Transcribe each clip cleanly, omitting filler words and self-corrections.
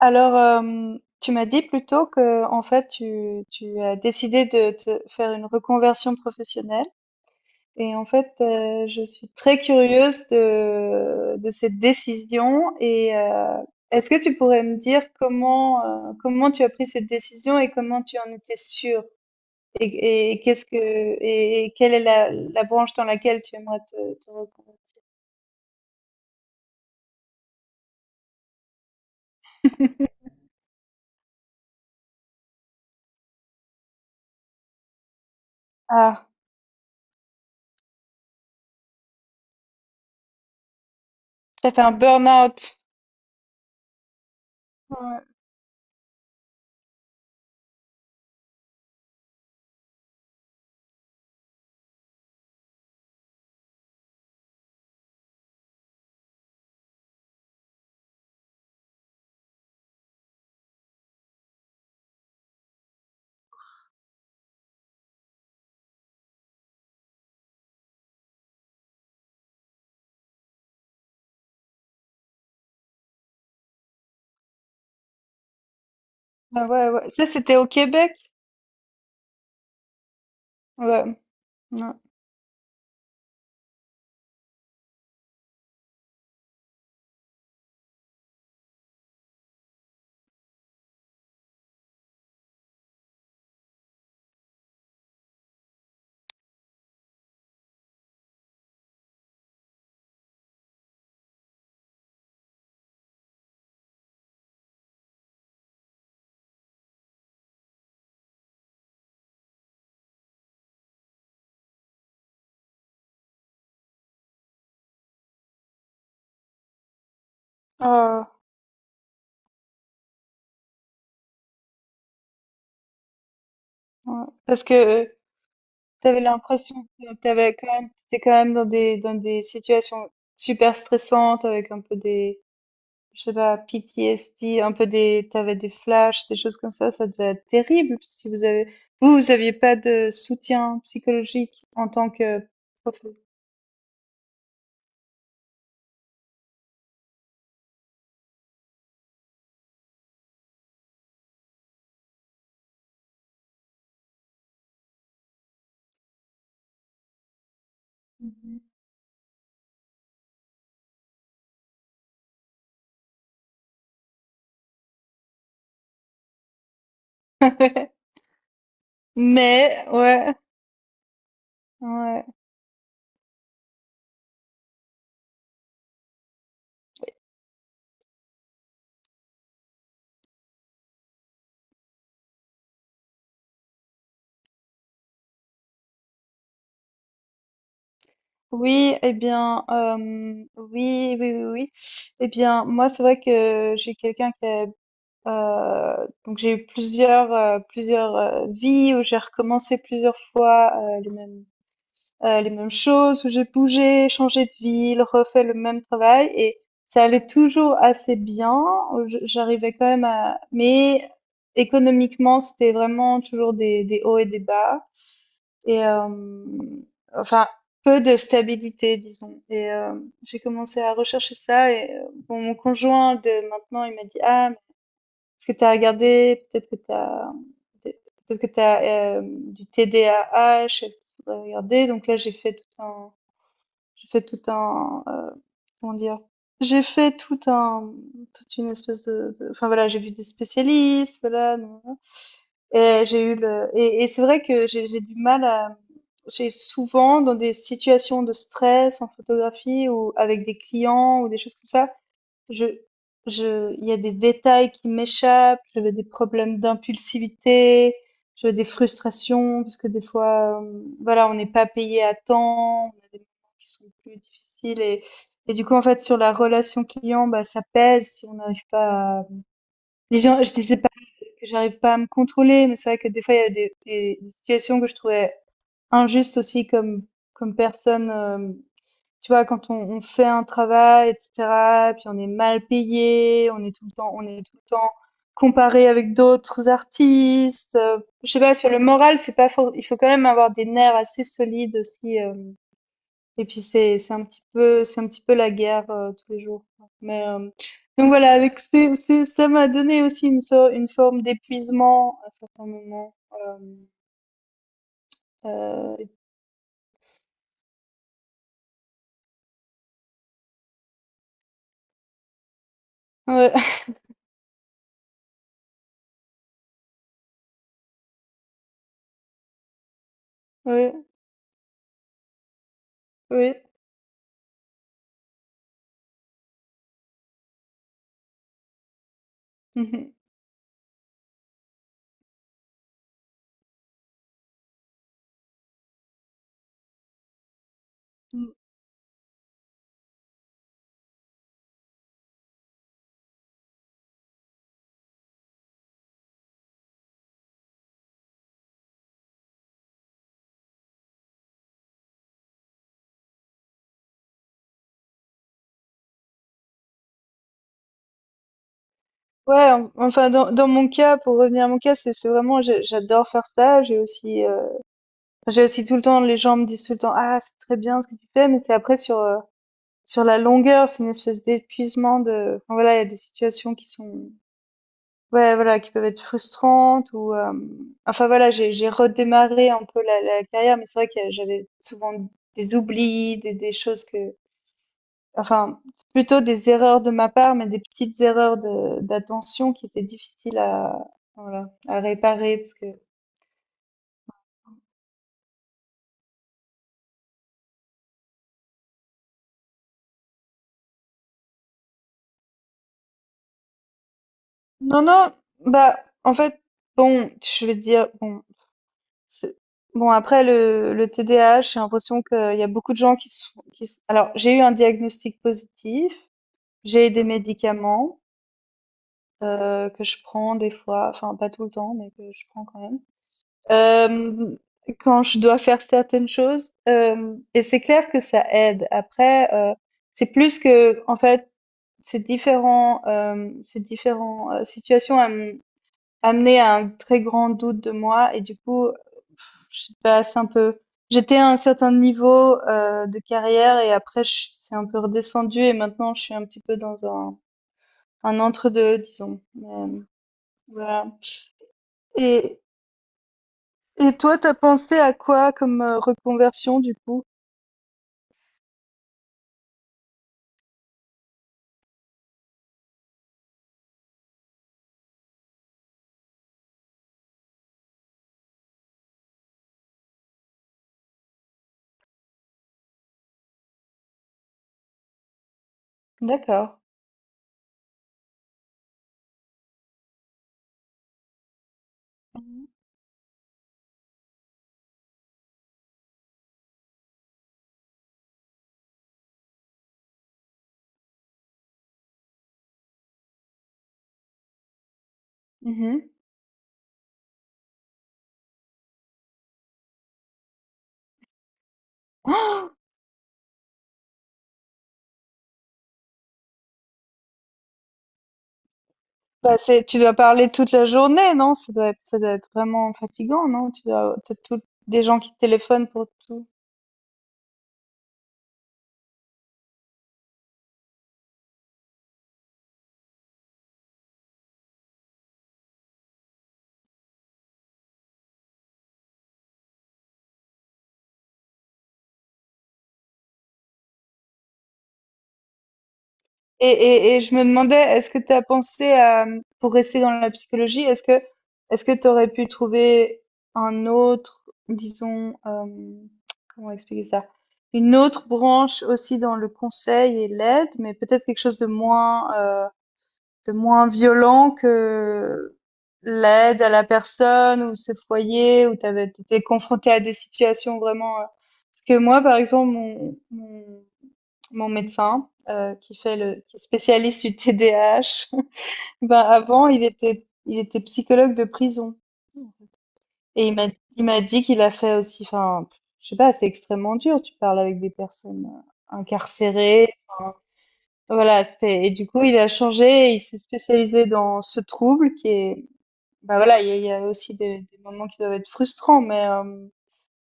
Alors, tu m'as dit plus tôt que, en fait, tu as décidé de te faire une reconversion professionnelle et en fait, je suis très curieuse de cette décision et est-ce que tu pourrais me dire comment tu as pris cette décision et comment tu en étais sûre? Et qu'est-ce que et quelle est la branche dans laquelle tu aimerais te reconvertir? Ah, tu as fait un burn-out. Ouais, bah, ouais, ouais. Ça, c'était au Québec? Ouais, ouais. Oh. Ouais, parce que tu avais l'impression que tu avais quand même tu étais quand même dans des situations super stressantes avec un peu des, je sais pas, PTSD, un peu des tu avais des flashs, des choses comme ça devait être terrible si vous avez vous aviez pas de soutien psychologique en tant que professeur. Mhm. Mais ouais, ouais. Oui, eh bien, oui, oui, oui, oui. Eh bien, moi, c'est vrai que j'ai quelqu'un qui a Euh, donc j'ai eu plusieurs plusieurs vies où j'ai recommencé plusieurs fois les mêmes choses où j'ai bougé, changé de ville, refait le même travail et ça allait toujours assez bien. J'arrivais quand même à mais économiquement c'était vraiment toujours des hauts et des bas et enfin peu de stabilité disons et j'ai commencé à rechercher ça et bon, mon conjoint de maintenant il m'a dit ah est-ce que tu as regardé, peut-être que tu as, peut-être que tu as du TDAH, et que tu voudrais Donc là, j'ai fait tout un, comment dire, j'ai fait tout un, toute une espèce de, enfin voilà, j'ai vu des spécialistes, voilà, nan, nan. Et j'ai eu le, et c'est vrai que j'ai du mal à, j'ai souvent dans des situations de stress en photographie ou avec des clients ou des choses comme ça, je, je, il y a des détails qui m'échappent. J'avais des problèmes d'impulsivité. J'avais des frustrations parce que des fois, voilà, on n'est pas payé à temps. On a des moments qui sont plus difficiles et du coup, en fait, sur la relation client, bah, ça pèse si on n'arrive pas à, disons, je disais pas que j'arrive pas à me contrôler, mais c'est vrai que des fois, il y a des situations que je trouvais injustes aussi comme, comme personne, tu vois, quand on fait un travail, etc., puis on est mal payé, on est tout le temps, on est tout le temps comparé avec d'autres artistes. Je sais pas, sur le moral, c'est pas for- il faut quand même avoir des nerfs assez solides aussi. Et puis c'est un petit peu c'est un petit peu la guerre tous les jours. Quoi. Mais donc voilà, avec c'est ça m'a donné aussi une forme d'épuisement à certains moments. Euh, ouais, ouais, oui. Ouais, enfin dans, dans mon cas, pour revenir à mon cas, c'est vraiment j'adore faire ça. J'ai aussi tout le temps les gens me disent tout le temps ah c'est très bien ce que tu fais, mais c'est après sur sur la longueur, c'est une espèce d'épuisement de enfin, voilà il y a des situations qui sont ouais voilà qui peuvent être frustrantes ou enfin voilà j'ai redémarré un peu la, la carrière, mais c'est vrai que j'avais souvent des oublis, des choses que Enfin, c'est plutôt des erreurs de ma part, mais des petites erreurs de d'attention qui étaient difficiles à voilà, à réparer parce que non, non, bah, en fait, bon, je vais te dire, bon, c'est- bon, après le TDAH, j'ai l'impression qu'il y a beaucoup de gens qui sont, alors, j'ai eu un diagnostic positif, j'ai des médicaments que je prends des fois, enfin, pas tout le temps, mais que je prends quand même. euh, quand je dois faire certaines choses. Et c'est clair que ça aide. Après, c'est plus que, en fait, ces différents situations amenaient à un très grand doute de moi. Et du coup, je passe un peu. J'étais à un certain niveau de carrière et après, c'est un peu redescendu et maintenant, je suis un petit peu dans un entre-deux, disons. Voilà. Et, et toi, t'as pensé à quoi comme reconversion, du coup? D'accord. Mhm. Mhm. Oh, bah, c'est, tu dois parler toute la journée, non? Ça doit être vraiment fatigant, non? Tu dois, des gens qui te téléphonent pour tout. Et je me demandais, est-ce que tu as pensé à, pour rester dans la psychologie, est-ce que tu aurais pu trouver un autre, disons, comment expliquer ça? Une autre branche aussi dans le conseil et l'aide, mais peut-être quelque chose de moins violent que l'aide à la personne ou ce foyer où tu avais été confronté à des situations vraiment. Parce que moi, par exemple, mon médecin qui fait le qui est spécialiste du T D A H ben avant, il était psychologue de prison et il m'a dit qu'il a fait aussi. Enfin, je sais pas, c'est extrêmement dur. Tu parles avec des personnes incarcérées. Enfin, voilà, c'était et du coup, il a changé, et il s'est spécialisé dans ce trouble qui est bah voilà, il y a aussi des moments qui doivent être frustrants, mais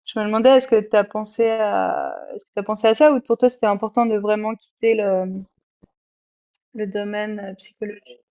je me demandais, est-ce que tu as pensé à est-ce que tu as pensé à ça ou pour toi, c'était important de vraiment quitter le domaine psychologique?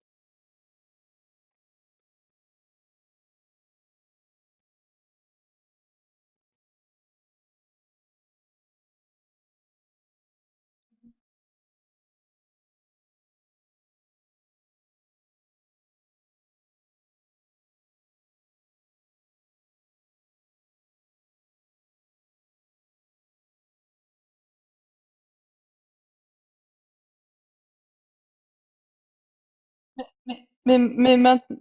Mais maintenant,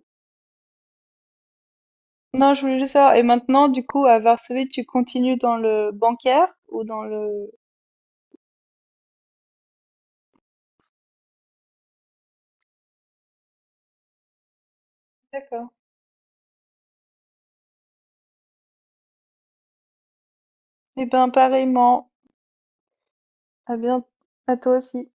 je voulais juste savoir, et maintenant, du coup, à Varsovie, tu continues dans le bancaire ou dans le... D'accord. Eh ben, pareillement, à bien, à toi aussi.